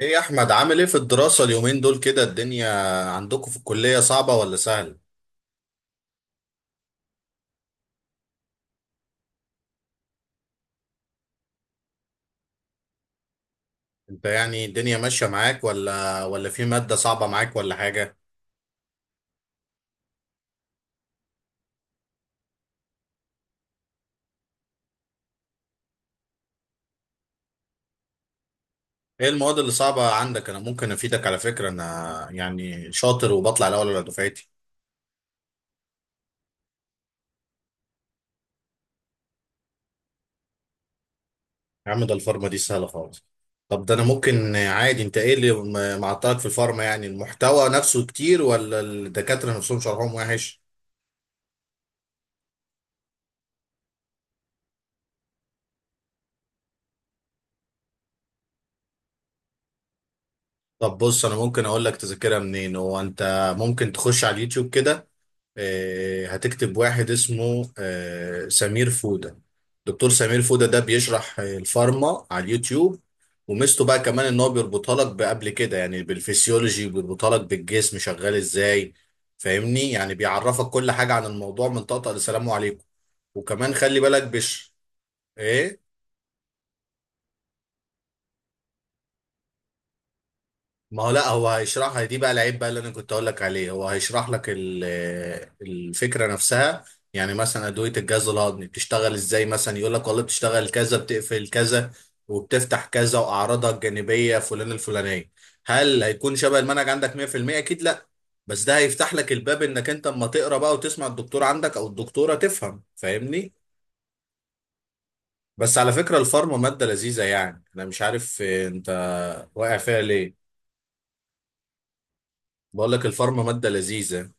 ايه يا احمد، عامل ايه في الدراسة اليومين دول؟ كده الدنيا عندكم في الكلية صعبة ولا سهلة؟ انت يعني الدنيا ماشية معاك ولا في مادة صعبة معاك ولا حاجة؟ ايه المواد اللي صعبة عندك؟ انا ممكن افيدك، على فكرة انا يعني شاطر وبطلع الاول على دفعتي. يا عم ده الفارما دي سهلة خالص. طب ده انا ممكن عادي، انت ايه اللي معطلك في الفارما؟ يعني المحتوى نفسه كتير ولا الدكاترة نفسهم شرحهم وحش؟ طب بص انا ممكن اقول لك تذاكرها منين. هو انت ممكن تخش على اليوتيوب كده، هتكتب واحد اسمه سمير فودة. دكتور سمير فودة ده بيشرح الفارما على اليوتيوب. وميزته بقى كمان ان هو بيربطها لك بقبل كده، يعني بالفسيولوجي بيربطها لك بالجسم شغال ازاي. فاهمني؟ يعني بيعرفك كل حاجة عن الموضوع من طقطقة لسلام عليكم. وكمان خلي بالك ايه. ما هو لا هو هيشرحها دي، بقى العيب بقى اللي انا كنت اقول لك عليه، هو هيشرح لك الفكره نفسها. يعني مثلا ادويه الجهاز الهضمي بتشتغل ازاي، مثلا يقول لك والله بتشتغل كذا، بتقفل كذا وبتفتح كذا واعراضها الجانبيه فلان الفلانيه. هل هيكون شبه المنهج عندك 100%؟ اكيد لا. بس ده هيفتح لك الباب انك انت اما تقرا بقى وتسمع الدكتور عندك او الدكتوره تفهم. فاهمني؟ بس على فكره الفارما ماده لذيذه. يعني انا مش عارف انت واقع فيها ليه. بقول لك الفارما ماده لذيذه.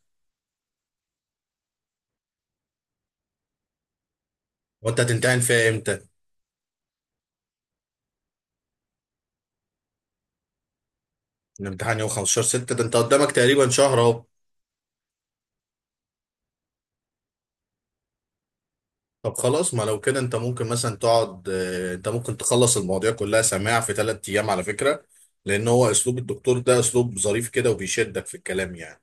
وانت هتمتحن فيها امتى؟ الامتحان يوم 15 6، ده انت قدامك تقريبا شهر اهو. طب خلاص، ما لو كده انت ممكن مثلا تقعد، انت ممكن تخلص المواضيع كلها سماع في 3 ايام على فكرة. لان هو اسلوب الدكتور ده اسلوب ظريف كده وبيشدك في الكلام يعني.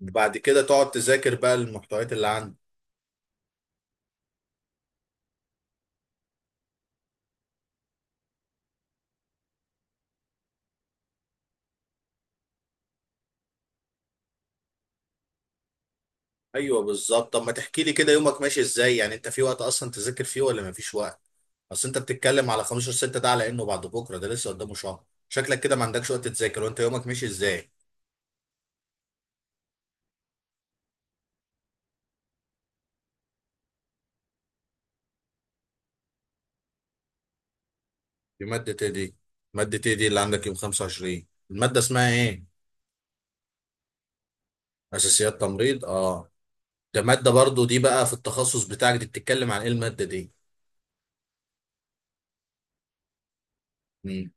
بعد كده تقعد تذاكر بقى المحتويات اللي عندك. ايوه بالظبط. طب ما تحكي لي كده، يومك ماشي ازاي؟ يعني انت في وقت اصلا تذاكر فيه ولا ما فيش وقت؟ اصل انت بتتكلم على 15 6 ده على انه بعد بكرة، ده لسه قدامه شهر. شكلك كده ما عندكش وقت تذاكر، وانت يومك ماشي ازاي؟ دي مادة ايه دي؟ مادة ايه دي اللي عندك يوم 25؟ المادة اسمها ايه؟ اساسيات تمريض، اه. ده مادة برضو دي بقى في التخصص بتاعك، دي بتتكلم عن ايه المادة دي؟ مم.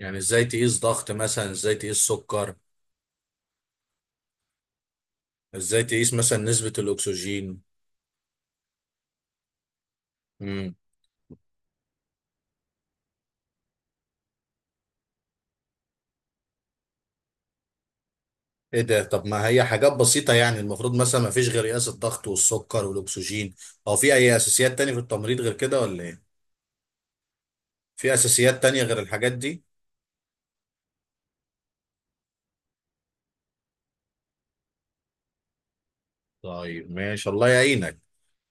يعني ازاي تقيس ضغط مثلا، ازاي تقيس سكر؟ ازاي تقيس مثلا نسبة الاكسجين؟ مم. ايه ده؟ طب ما هي حاجات بسيطة يعني، المفروض مثلا ما فيش غير قياس الضغط والسكر والاكسجين، او في اي اساسيات تانية في التمريض غير كده ولا ايه؟ في اساسيات تانية غير الحاجات دي؟ طيب ماشي الله يعينك.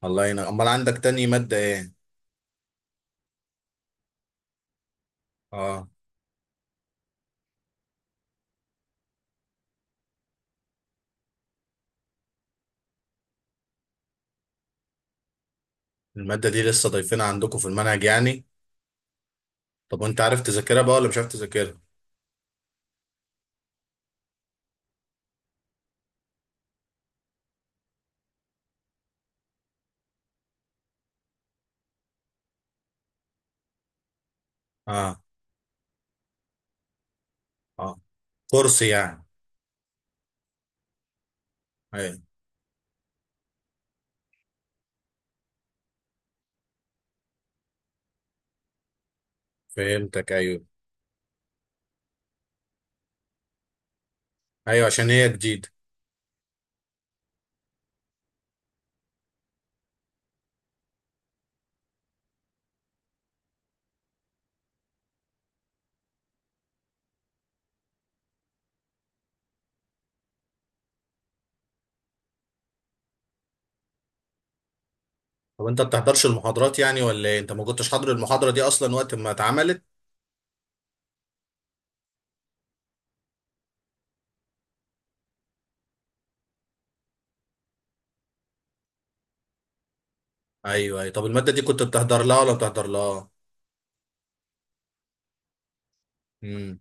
الله يعينك، امال عندك تاني مادة ايه؟ اه. المادة دي لسه ضايفينها عندكم في المنهج يعني؟ طب وانت عارف تذاكرها بقى ولا مش عارف تذاكرها؟ اه. اه، كورس يعني؟ ايوه. فهمتك، ايوه. ايوه، عشان هي جديدة. طب انت بتحضرش المحاضرات يعني ولا ايه؟ انت ما كنتش حاضر المحاضرة دي اصلا وقت ما اتعملت؟ ايوه ايوه. طب المادة دي كنت بتحضر لها ولا بتحضر لها؟ امم،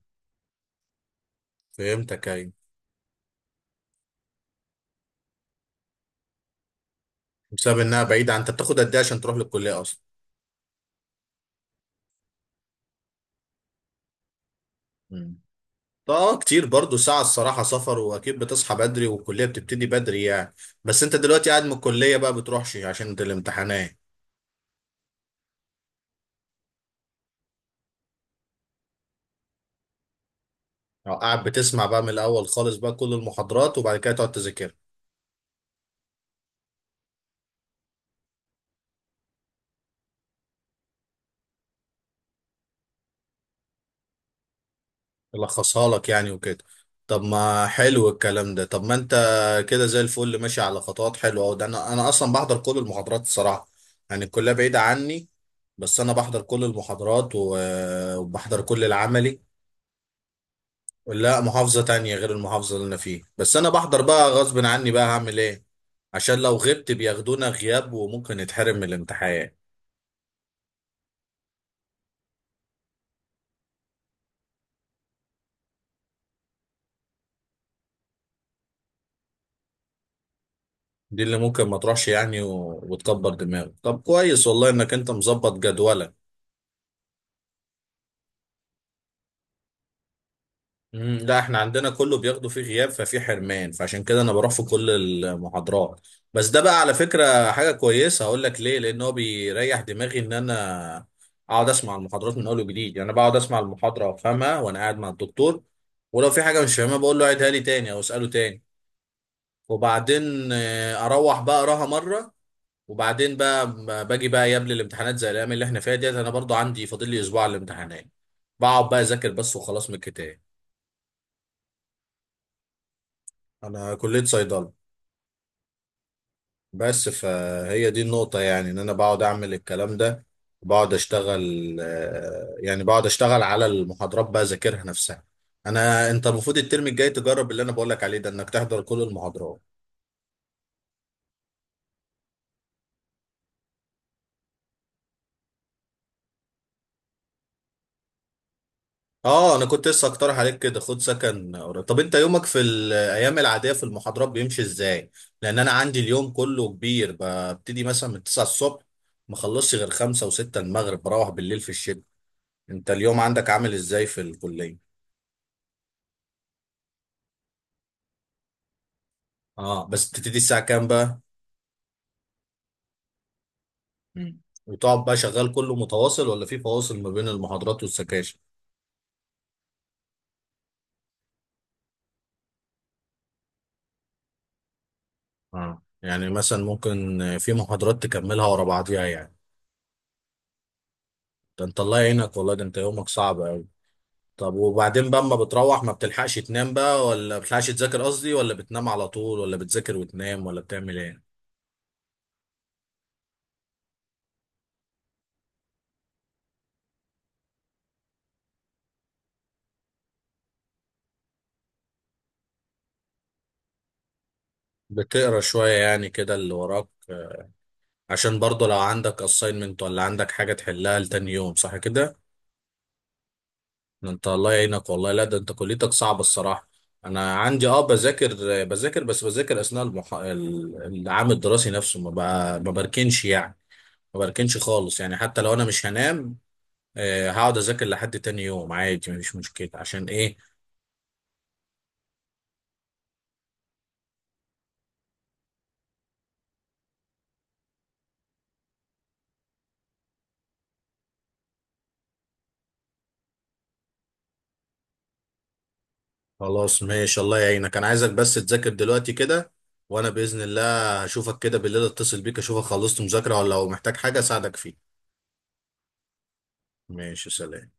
فهمتك ايوه. بسبب انها بعيدة عن- انت بتاخد قد ايه عشان تروح للكلية اصلا؟ امم. طب اه كتير برضو ساعة الصراحة، سفر، واكيد بتصحى بدري والكلية بتبتدي بدري يعني. بس انت دلوقتي قاعد من الكلية بقى بتروحش عشان الامتحانات؟ أو قاعد بتسمع بقى من الاول خالص بقى كل المحاضرات وبعد كده تقعد تذاكرها؟ يلخصها لك يعني وكده. طب ما حلو الكلام ده. طب ما انت كده زي الفل، ماشي على خطوات حلوه أوي. ده انا اصلا بحضر كل المحاضرات الصراحه. يعني الكليه بعيده عني، بس انا بحضر كل المحاضرات وبحضر كل العملي. لا، محافظه تانية غير المحافظه اللي انا فيها، بس انا بحضر بقى غصب عني بقى. هعمل ايه عشان لو غبت بياخدونا غياب وممكن نتحرم من الامتحان. دي اللي ممكن ما تروحش يعني وتكبر دماغك. طب كويس والله انك انت مظبط جدولك. مم، لا احنا عندنا كله بياخده فيه غياب، ففي حرمان، فعشان كده انا بروح في كل المحاضرات. بس ده بقى على فكرة حاجة كويسة، هقول لك ليه، لان هو بيريح دماغي ان انا اقعد اسمع المحاضرات من اول وجديد. يعني انا بقعد اسمع المحاضرة وافهمها وانا قاعد مع الدكتور، ولو في حاجة مش فاهمها بقول له عيدها لي تاني او اساله تاني. وبعدين اروح بقى اقراها مرة. وبعدين بقى ما باجي بقى قبل الامتحانات زي الايام اللي احنا فيها ديت، انا برضو عندي فاضل لي اسبوع على الامتحانات، بقعد بقى اذاكر بس وخلاص من الكتاب. انا كلية صيدلة. بس فهي دي النقطة، يعني ان انا بقعد اعمل الكلام ده. بقعد اشتغل يعني بقعد اشتغل على المحاضرات بقى اذاكرها نفسها. انا انت المفروض الترم الجاي تجرب اللي انا بقولك عليه ده، انك تحضر كل المحاضرات. اه انا كنت لسه اقترح عليك كده خد سكن قريب. طب انت يومك في الايام العاديه في المحاضرات بيمشي ازاي؟ لان انا عندي اليوم كله كبير، ببتدي مثلا من 9 الصبح، ما اخلصش غير 5 و6 المغرب، بروح بالليل في الشتاء. انت اليوم عندك عامل ازاي في الكليه؟ اه، بس بتبتدي الساعه كام بقى؟ مم. وتقعد بقى شغال كله متواصل ولا في فواصل ما بين المحاضرات والسكاشن؟ اه، يعني مثلا ممكن في محاضرات تكملها ورا بعضيها يعني. ده انت الله يعينك والله، ده انت يومك صعب. طب وبعدين بقى اما بتروح، ما بتلحقش تنام بقى، ولا بتلحقش تذاكر قصدي، ولا بتنام على طول، ولا بتذاكر وتنام، ولا بتعمل ايه؟ بتقرا شوية يعني كده اللي وراك؟ عشان برضه لو عندك assignment ولا عندك حاجة تحلها لتاني يوم، صح كده؟ ده انت الله يعينك والله، لا ده انت كليتك صعبة الصراحة. انا عندي، اه، بذاكر اثناء العام الدراسي نفسه، ما بركنش يعني. ما بركنش خالص يعني، حتى لو انا مش هنام هقعد اذاكر لحد تاني يوم عادي، مفيش مشكلة. عشان ايه؟ خلاص ماشي، الله يعينك. انا عايزك بس تذاكر دلوقتي كده، وانا باذن الله هشوفك كده بالليل، اتصل بيك اشوفك خلصت مذاكره ولا لو محتاج حاجه اساعدك فيه. ماشي، سلام.